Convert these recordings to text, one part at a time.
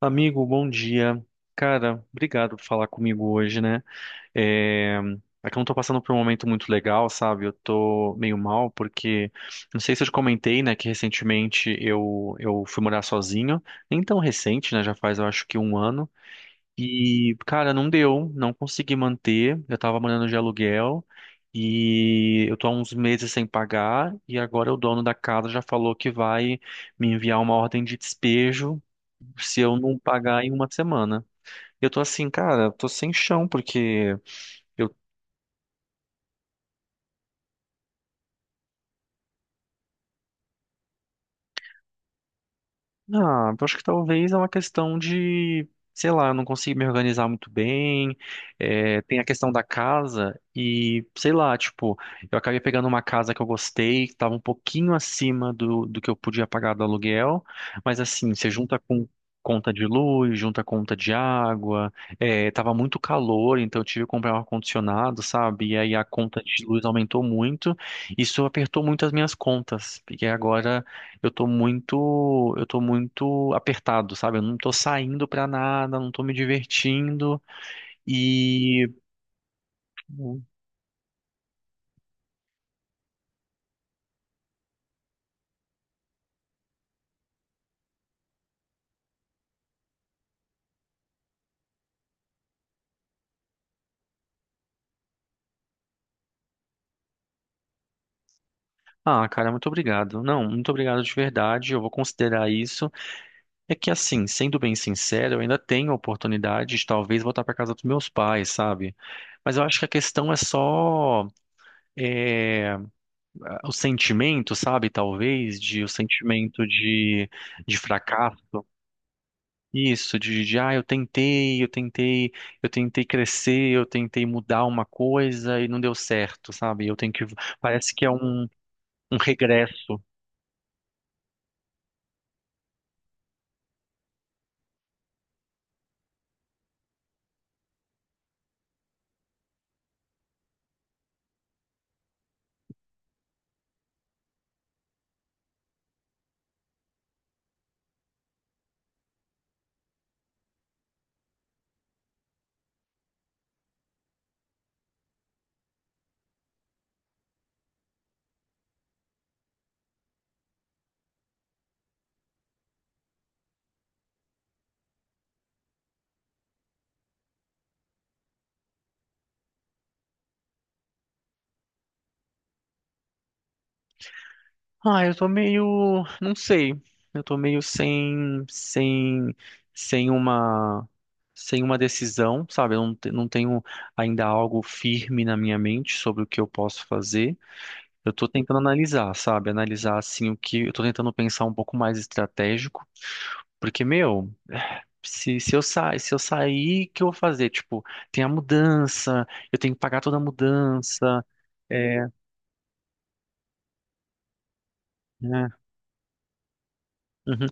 Amigo, bom dia. Cara, obrigado por falar comigo hoje, né? É... É que eu não tô passando por um momento muito legal, sabe? Eu tô meio mal porque, não sei se eu te comentei, né, que recentemente eu fui morar sozinho. Nem tão recente, né? Já faz, eu acho que um ano. E, cara, não deu, não consegui manter. Eu tava morando de aluguel e eu tô há uns meses sem pagar. E agora o dono da casa já falou que vai me enviar uma ordem de despejo se eu não pagar em uma semana. Eu tô assim, cara, tô sem chão, porque eu Ah, eu acho que talvez é uma questão de, sei lá, eu não consigo me organizar muito bem. Tem a questão da casa e, sei lá, tipo, eu acabei pegando uma casa que eu gostei, que estava um pouquinho acima do que eu podia pagar do aluguel, mas assim, você junta com conta de luz, junta conta de água, tava muito calor, então eu tive que comprar um ar-condicionado, sabe? E aí a conta de luz aumentou muito, isso apertou muito as minhas contas, porque agora eu tô muito apertado, sabe? Eu não tô saindo pra nada, não tô me divertindo e ah, cara, muito obrigado. Não, muito obrigado de verdade. Eu vou considerar isso. É que assim, sendo bem sincero, eu ainda tenho a oportunidade de talvez voltar pra casa dos meus pais, sabe? Mas eu acho que a questão é só é, o sentimento, sabe? Talvez de o sentimento de fracasso. Isso, de eu tentei crescer, eu tentei mudar uma coisa e não deu certo, sabe? Eu tenho que. Parece que é um regresso. Ah, eu tô meio. Não sei. Eu tô meio sem. Sem. Sem uma. Sem uma decisão, sabe? Eu não, te- Não tenho ainda algo firme na minha mente sobre o que eu posso fazer. Eu tô tentando analisar, sabe? Analisar assim o que. Eu tô tentando pensar um pouco mais estratégico. Porque, meu, se eu sair, o que eu vou fazer? Tipo, tem a mudança, eu tenho que pagar toda a mudança. É, né? Uhum.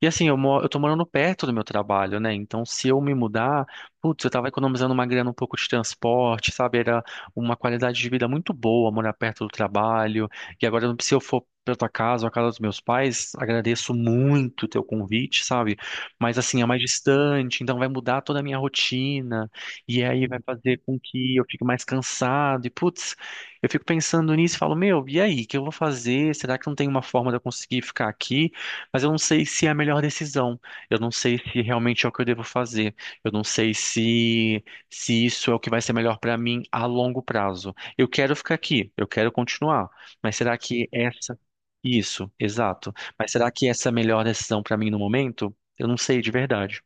E assim, eu tô morando perto do meu trabalho, né? Então, se eu me mudar, putz, eu tava economizando uma grana um pouco de transporte, sabe? Era uma qualidade de vida muito boa morar perto do trabalho. E agora, se eu for pra tua casa ou a casa dos meus pais, agradeço muito o teu convite, sabe? Mas assim, é mais distante, então vai mudar toda a minha rotina. E aí vai fazer com que eu fique mais cansado. E putz, eu fico pensando nisso e falo, meu, e aí, o que eu vou fazer? Será que não tem uma forma de eu conseguir ficar aqui? Mas eu não sei se é a melhor decisão. Eu não sei se realmente é o que eu devo fazer. Eu não sei se se isso é o que vai ser melhor para mim a longo prazo. Eu quero ficar aqui, eu quero continuar, mas será que essa... Isso, exato. Mas será que essa é a melhor decisão para mim no momento? Eu não sei de verdade.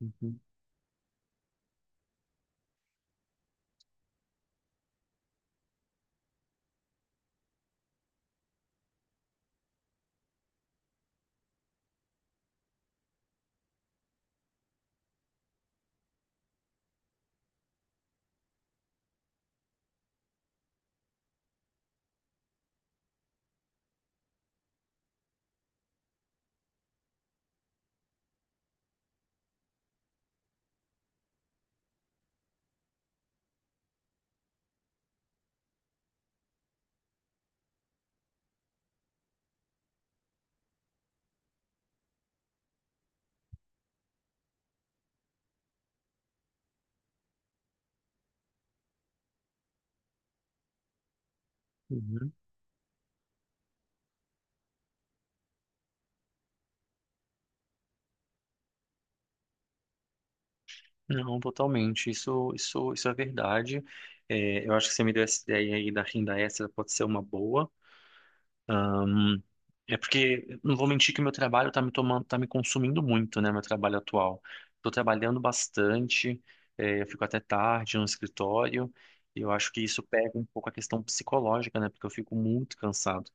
Uhum, uhum. Não, totalmente. Isso é verdade. É, eu acho que você me deu essa ideia aí da renda extra, pode ser uma boa. É porque não vou mentir que meu trabalho tá me tomando, tá me consumindo muito, né, meu trabalho atual. Tô trabalhando bastante, eu fico até tarde no escritório, e eu acho que isso pega um pouco a questão psicológica, né, porque eu fico muito cansado.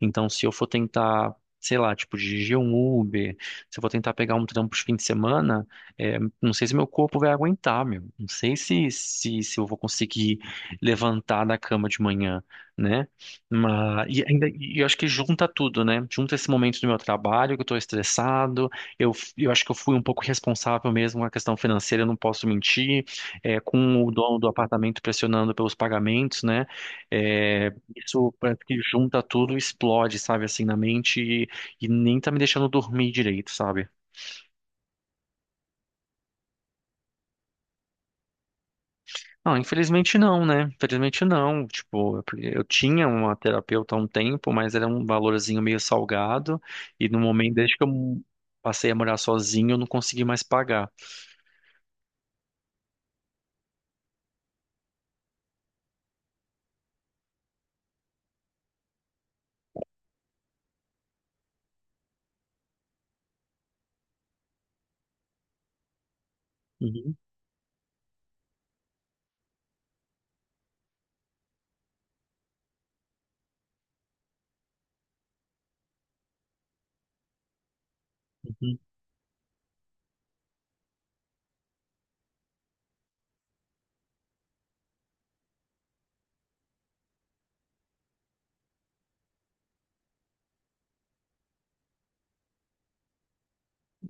Então, se eu for tentar, sei lá, tipo, dirigir um Uber, se eu for tentar pegar um trampo de fim de semana, não sei se meu corpo vai aguentar, meu. Não sei se eu vou conseguir levantar da cama de manhã, né? Mas, e ainda, e eu acho que junta tudo, né? Junta esse momento do meu trabalho, que eu tô estressado, eu acho que eu fui um pouco responsável mesmo com a questão financeira, eu não posso mentir, é, com o dono do apartamento pressionando pelos pagamentos, né? É, isso parece que junta tudo, explode, sabe, assim, na mente e nem tá me deixando dormir direito, sabe? Não, infelizmente não, né? Infelizmente não. Tipo, eu tinha uma terapeuta há um tempo, mas era um valorzinho meio salgado. E no momento, desde que eu passei a morar sozinho, eu não consegui mais pagar. Uhum, uhum.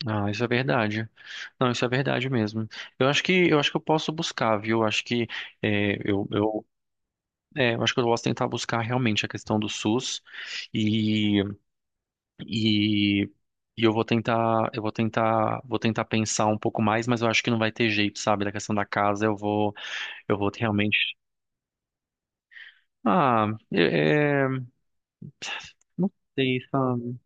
Ah, isso é verdade. Não, isso é verdade mesmo. Eu acho que eu posso buscar, viu? É, eu, eu, eu acho que eu posso tentar buscar realmente a questão do SUS. E E, e eu vou tentar, vou tentar pensar um pouco mais, mas eu acho que não vai ter jeito, sabe? Da questão da casa, eu vou realmente... Ah, é, é, não sei, sabe?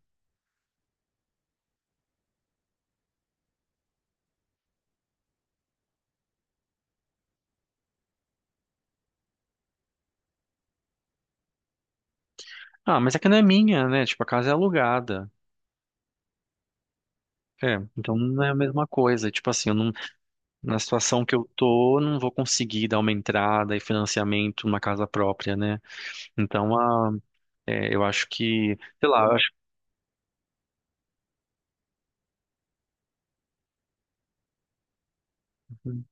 Ah, mas é que não é minha, né? Tipo, a casa é alugada. É, então não é a mesma coisa. Tipo assim, eu não, na situação que eu tô, não vou conseguir dar uma entrada e financiamento numa casa própria, né? Então, ah, eu acho que, sei lá, eu acho.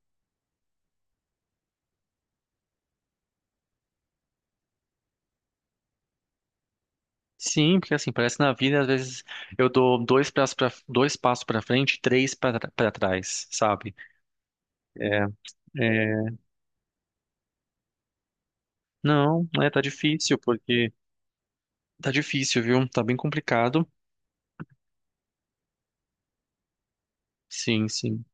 Sim, porque assim, parece que na vida, às vezes eu dou dois passos pra, dois passos para frente, e três para trás, sabe? É, é, não, é, tá difícil, porque tá difícil, viu? Tá bem complicado. Sim, sim.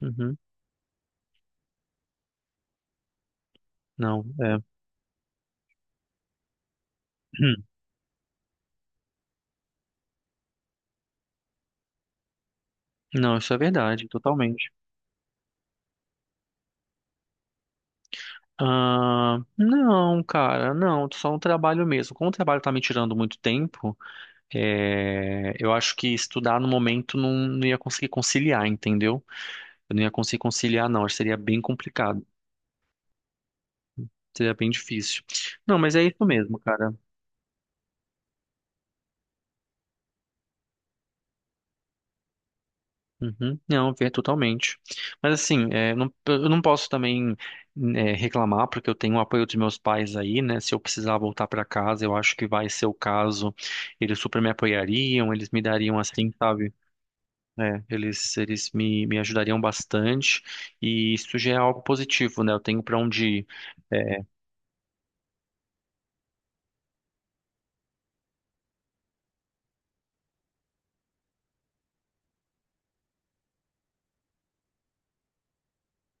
Uhum. Não, é. Não, isso é verdade, totalmente. Ah, não, cara, não, só um trabalho mesmo. Como o trabalho tá me tirando muito tempo, eu acho que estudar no momento não, não ia conseguir conciliar, entendeu? Eu não ia conseguir conciliar, não, acho que seria bem complicado. Seria bem difícil. Não, mas é isso mesmo, cara. Uhum. Não, ver totalmente. Mas assim, eu não posso também, reclamar, porque eu tenho o apoio dos meus pais aí, né? Se eu precisar voltar para casa, eu acho que vai ser o caso. Eles super me apoiariam, eles me dariam assim, sabe? Eles me ajudariam bastante. E isso já é algo positivo, né? Eu tenho para onde ir. É,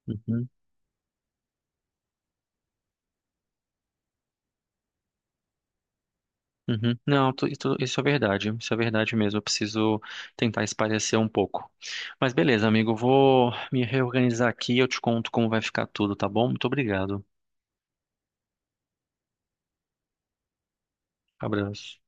uhum. Uhum. Não, tu- Isso é verdade. Isso é verdade mesmo. Eu preciso tentar espairecer um pouco. Mas beleza, amigo, eu vou me reorganizar aqui e eu te conto como vai ficar tudo, tá bom? Muito obrigado. Abraço.